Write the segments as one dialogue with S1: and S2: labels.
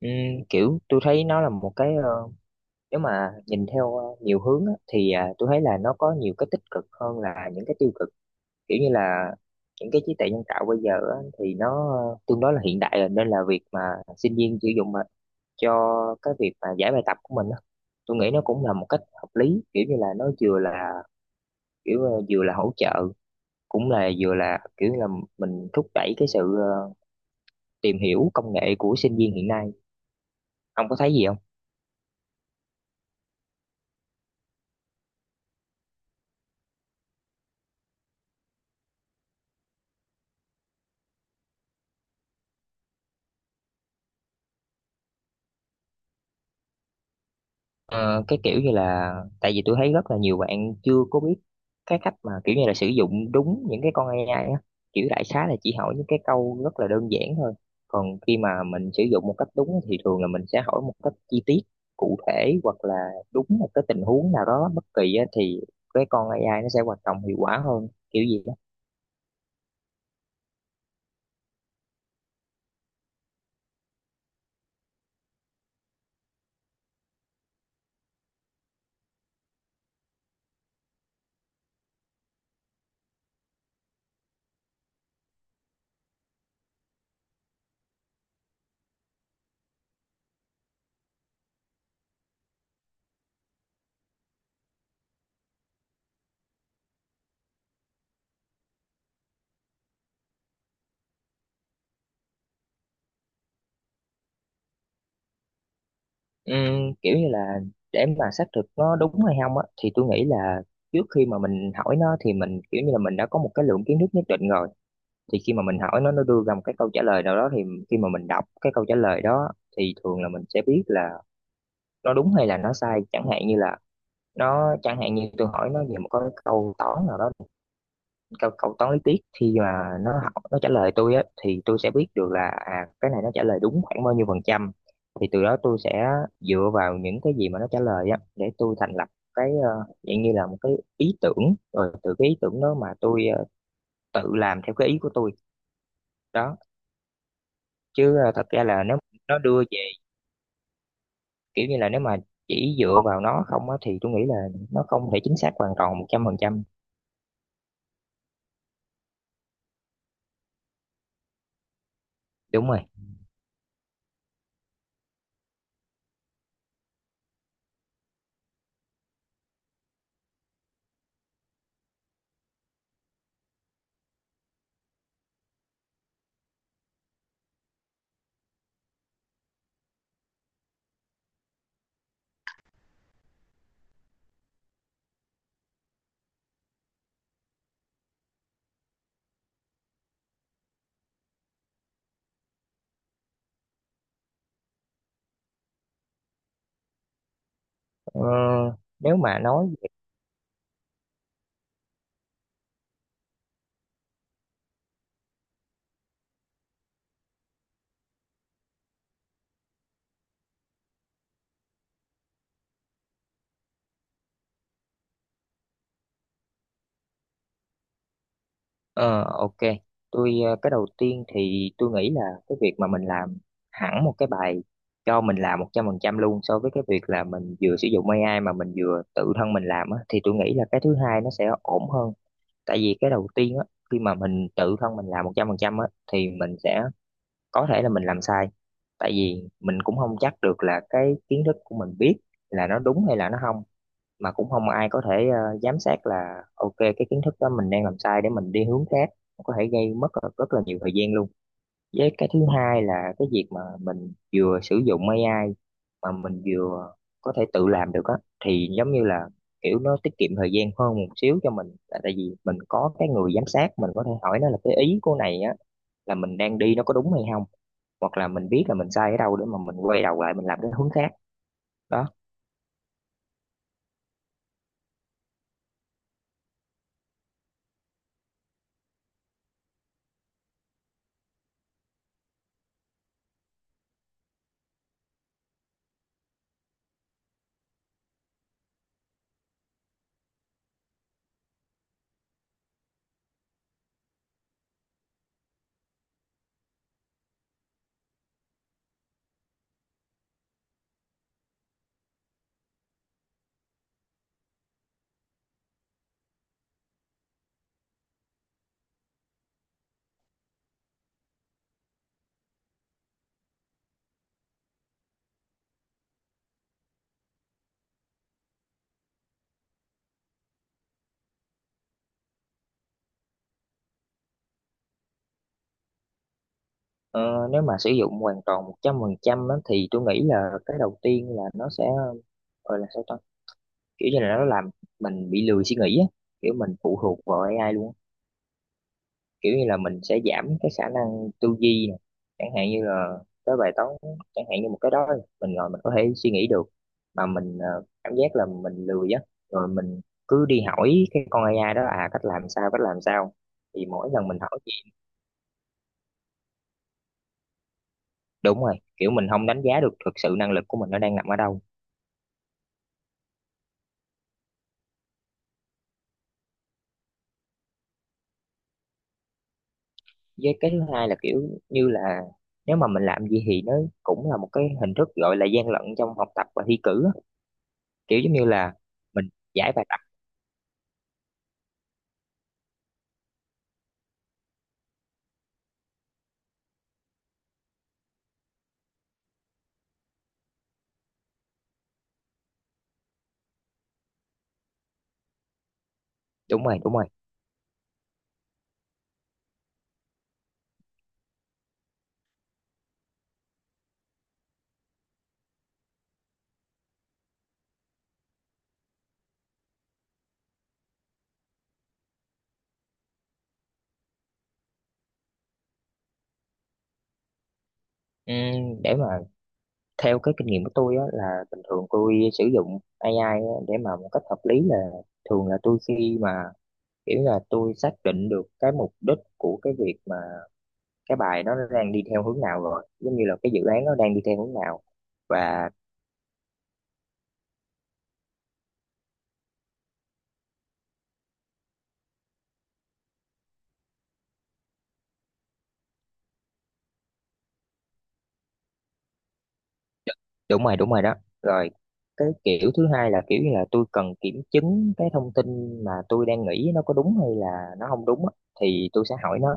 S1: Ừm, kiểu tôi thấy nó là một cái nếu mà nhìn theo nhiều hướng á, thì tôi thấy là nó có nhiều cái tích cực hơn là những cái tiêu cực, kiểu như là những cái trí tuệ nhân tạo bây giờ á, thì nó tương đối là hiện đại rồi, nên là việc mà sinh viên sử dụng mà cho cái việc mà giải bài tập của mình á, tôi nghĩ nó cũng là một cách hợp lý, kiểu như là nó vừa là kiểu vừa là hỗ trợ, cũng là vừa là kiểu là mình thúc đẩy cái sự tìm hiểu công nghệ của sinh viên hiện nay. Ông có thấy gì không? Ờ, cái kiểu như là tại vì tôi thấy rất là nhiều bạn chưa có biết cái cách mà kiểu như là sử dụng đúng những cái con AI á, kiểu đại xá là chỉ hỏi những cái câu rất là đơn giản thôi, còn khi mà mình sử dụng một cách đúng á, thì thường là mình sẽ hỏi một cách chi tiết, cụ thể, hoặc là đúng một cái tình huống nào đó bất kỳ á, thì cái con AI nó sẽ hoạt động hiệu quả hơn kiểu gì đó. Kiểu như là để mà xác thực nó đúng hay không á, thì tôi nghĩ là trước khi mà mình hỏi nó thì mình kiểu như là mình đã có một cái lượng kiến thức nhất định rồi, thì khi mà mình hỏi nó đưa ra một cái câu trả lời nào đó, thì khi mà mình đọc cái câu trả lời đó thì thường là mình sẽ biết là nó đúng hay là nó sai. Chẳng hạn như là nó, chẳng hạn như tôi hỏi nó về một cái câu toán nào đó, câu câu toán lý thuyết, khi mà nó học nó trả lời tôi á, thì tôi sẽ biết được là à, cái này nó trả lời đúng khoảng bao nhiêu %, thì từ đó tôi sẽ dựa vào những cái gì mà nó trả lời á để tôi thành lập cái dạng như là một cái ý tưởng, rồi từ cái ý tưởng đó mà tôi tự làm theo cái ý của tôi đó. Chứ thật ra là nếu nó đưa về kiểu như là nếu mà chỉ dựa vào nó không á, thì tôi nghĩ là nó không thể chính xác hoàn toàn 100%. Đúng rồi. ờ, nếu mà nói về, ờ, ok, tôi, cái đầu tiên thì tôi nghĩ là cái việc mà mình làm hẳn một cái bài cho mình làm 100% luôn so với cái việc là mình vừa sử dụng AI mà mình vừa tự thân mình làm á, thì tôi nghĩ là cái thứ hai nó sẽ ổn hơn. Tại vì cái đầu tiên á, khi mà mình tự thân mình làm một trăm phần trăm á, thì mình sẽ có thể là mình làm sai, tại vì mình cũng không chắc được là cái kiến thức của mình biết là nó đúng hay là nó không, mà cũng không ai có thể giám sát là ok cái kiến thức đó mình đang làm sai để mình đi hướng khác, có thể gây mất rất rất là nhiều thời gian luôn. Với cái thứ hai là cái việc mà mình vừa sử dụng AI mà mình vừa có thể tự làm được á, thì giống như là kiểu nó tiết kiệm thời gian hơn một xíu cho mình, tại tại vì mình có cái người giám sát, mình có thể hỏi nó là cái ý của này á là mình đang đi nó có đúng hay không, hoặc là mình biết là mình sai ở đâu để mà mình quay đầu lại mình làm cái hướng khác đó. Ờ, nếu mà sử dụng hoàn toàn 100% á, thì tôi nghĩ là cái đầu tiên là nó sẽ gọi là sao ta, kiểu như là nó làm mình bị lười suy nghĩ á, kiểu mình phụ thuộc vào AI luôn á. Kiểu như là mình sẽ giảm cái khả năng tư duy nè, chẳng hạn như là cái bài toán, chẳng hạn như một cái đó mình ngồi mình có thể suy nghĩ được, mà mình cảm giác là mình lười á, rồi mình cứ đi hỏi cái con AI đó, à cách làm sao cách làm sao, thì mỗi lần mình hỏi. Đúng rồi, kiểu mình không đánh giá được thực sự năng lực của mình nó đang nằm ở đâu. Với cái thứ hai là kiểu như là nếu mà mình làm gì thì nó cũng là một cái hình thức gọi là gian lận trong học tập và thi cử á. Kiểu giống như là mình giải bài tập. Đúng rồi, đúng rồi. Để mà theo cái kinh nghiệm của tôi á, là bình thường tôi sử dụng AI á, để mà một cách hợp lý là thường là tôi khi mà kiểu là tôi xác định được cái mục đích của cái việc mà cái bài nó đang đi theo hướng nào, rồi giống như là cái dự án nó đang đi theo hướng nào, và đúng rồi đó. Rồi cái kiểu thứ hai là kiểu như là tôi cần kiểm chứng cái thông tin mà tôi đang nghĩ nó có đúng hay là nó không đúng á, thì tôi sẽ hỏi nó,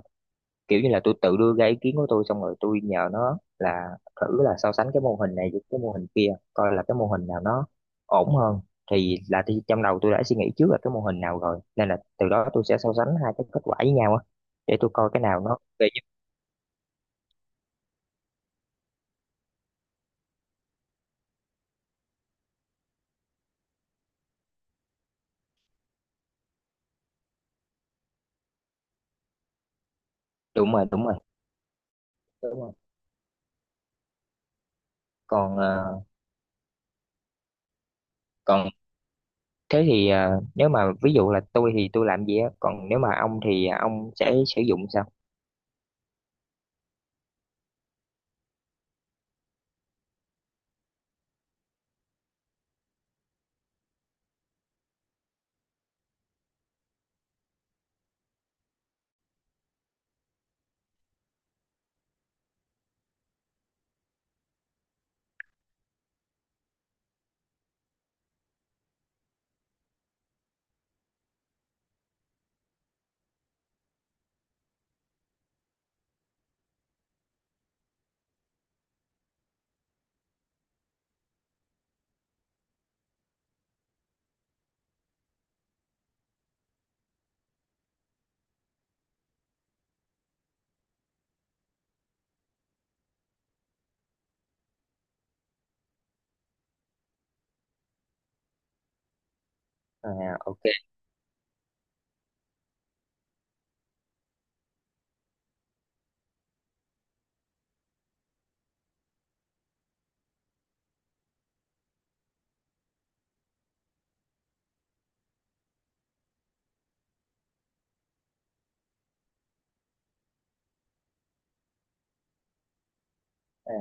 S1: kiểu như là tôi tự đưa ra ý kiến của tôi, xong rồi tôi nhờ nó là thử là so sánh cái mô hình này với cái mô hình kia, coi là cái mô hình nào nó ổn hơn, thì là thì trong đầu tôi đã suy nghĩ trước là cái mô hình nào rồi, nên là từ đó tôi sẽ so sánh hai cái kết quả với nhau á, để tôi coi cái nào nó về nhất. Đúng rồi, đúng rồi, đúng rồi. Còn còn thế thì nếu mà ví dụ là tôi thì tôi làm gì á, còn nếu mà ông thì ông sẽ sử dụng sao? À, ok. À,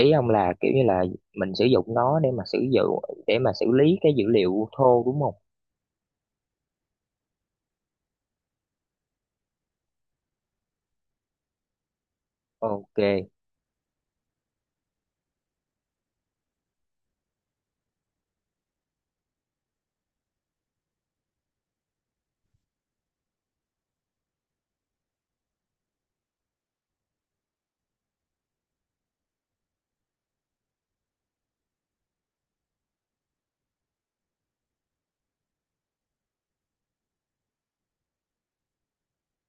S1: ý ông là kiểu như là mình sử dụng nó để mà sử dụng để mà xử lý cái dữ liệu thô, đúng không? Ok.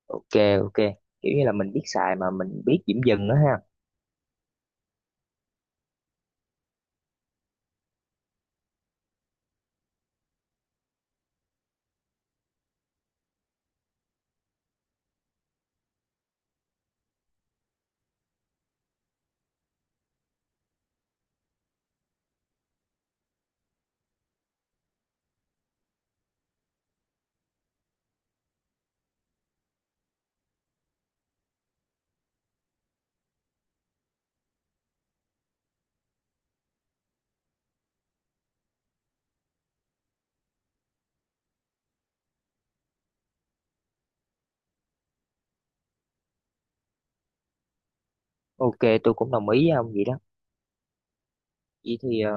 S1: Ok, ok, kiểu như là mình biết xài mà mình biết điểm dừng đó ha. Ok, tôi cũng đồng ý với ông vậy đó. Vậy thì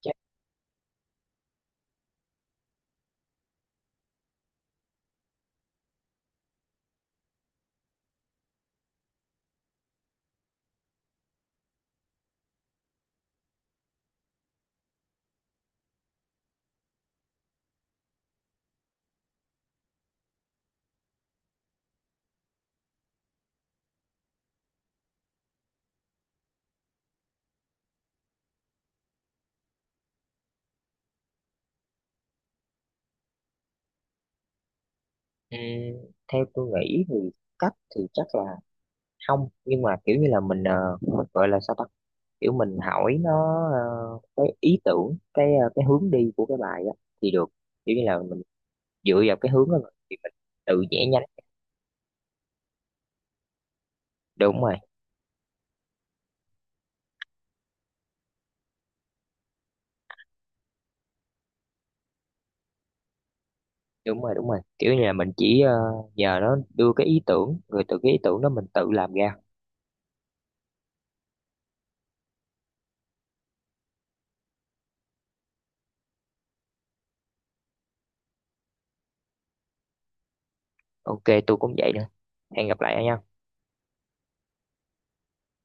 S1: chắc, ừm, theo tôi nghĩ thì cách thì chắc là không, nhưng mà kiểu như là mình gọi là sao ta, kiểu mình hỏi nó ờ, cái ý tưởng cái cái hướng đi của cái bài á thì được. Kiểu như là mình dựa vào cái hướng đó mà thì mình tự vẽ nhanh. Đúng rồi, đúng rồi, đúng rồi, kiểu như là mình chỉ nhờ nó đưa cái ý tưởng, rồi từ cái ý tưởng đó mình tự làm ra. Ok, tôi cũng vậy nữa, hẹn gặp lại anh nhé.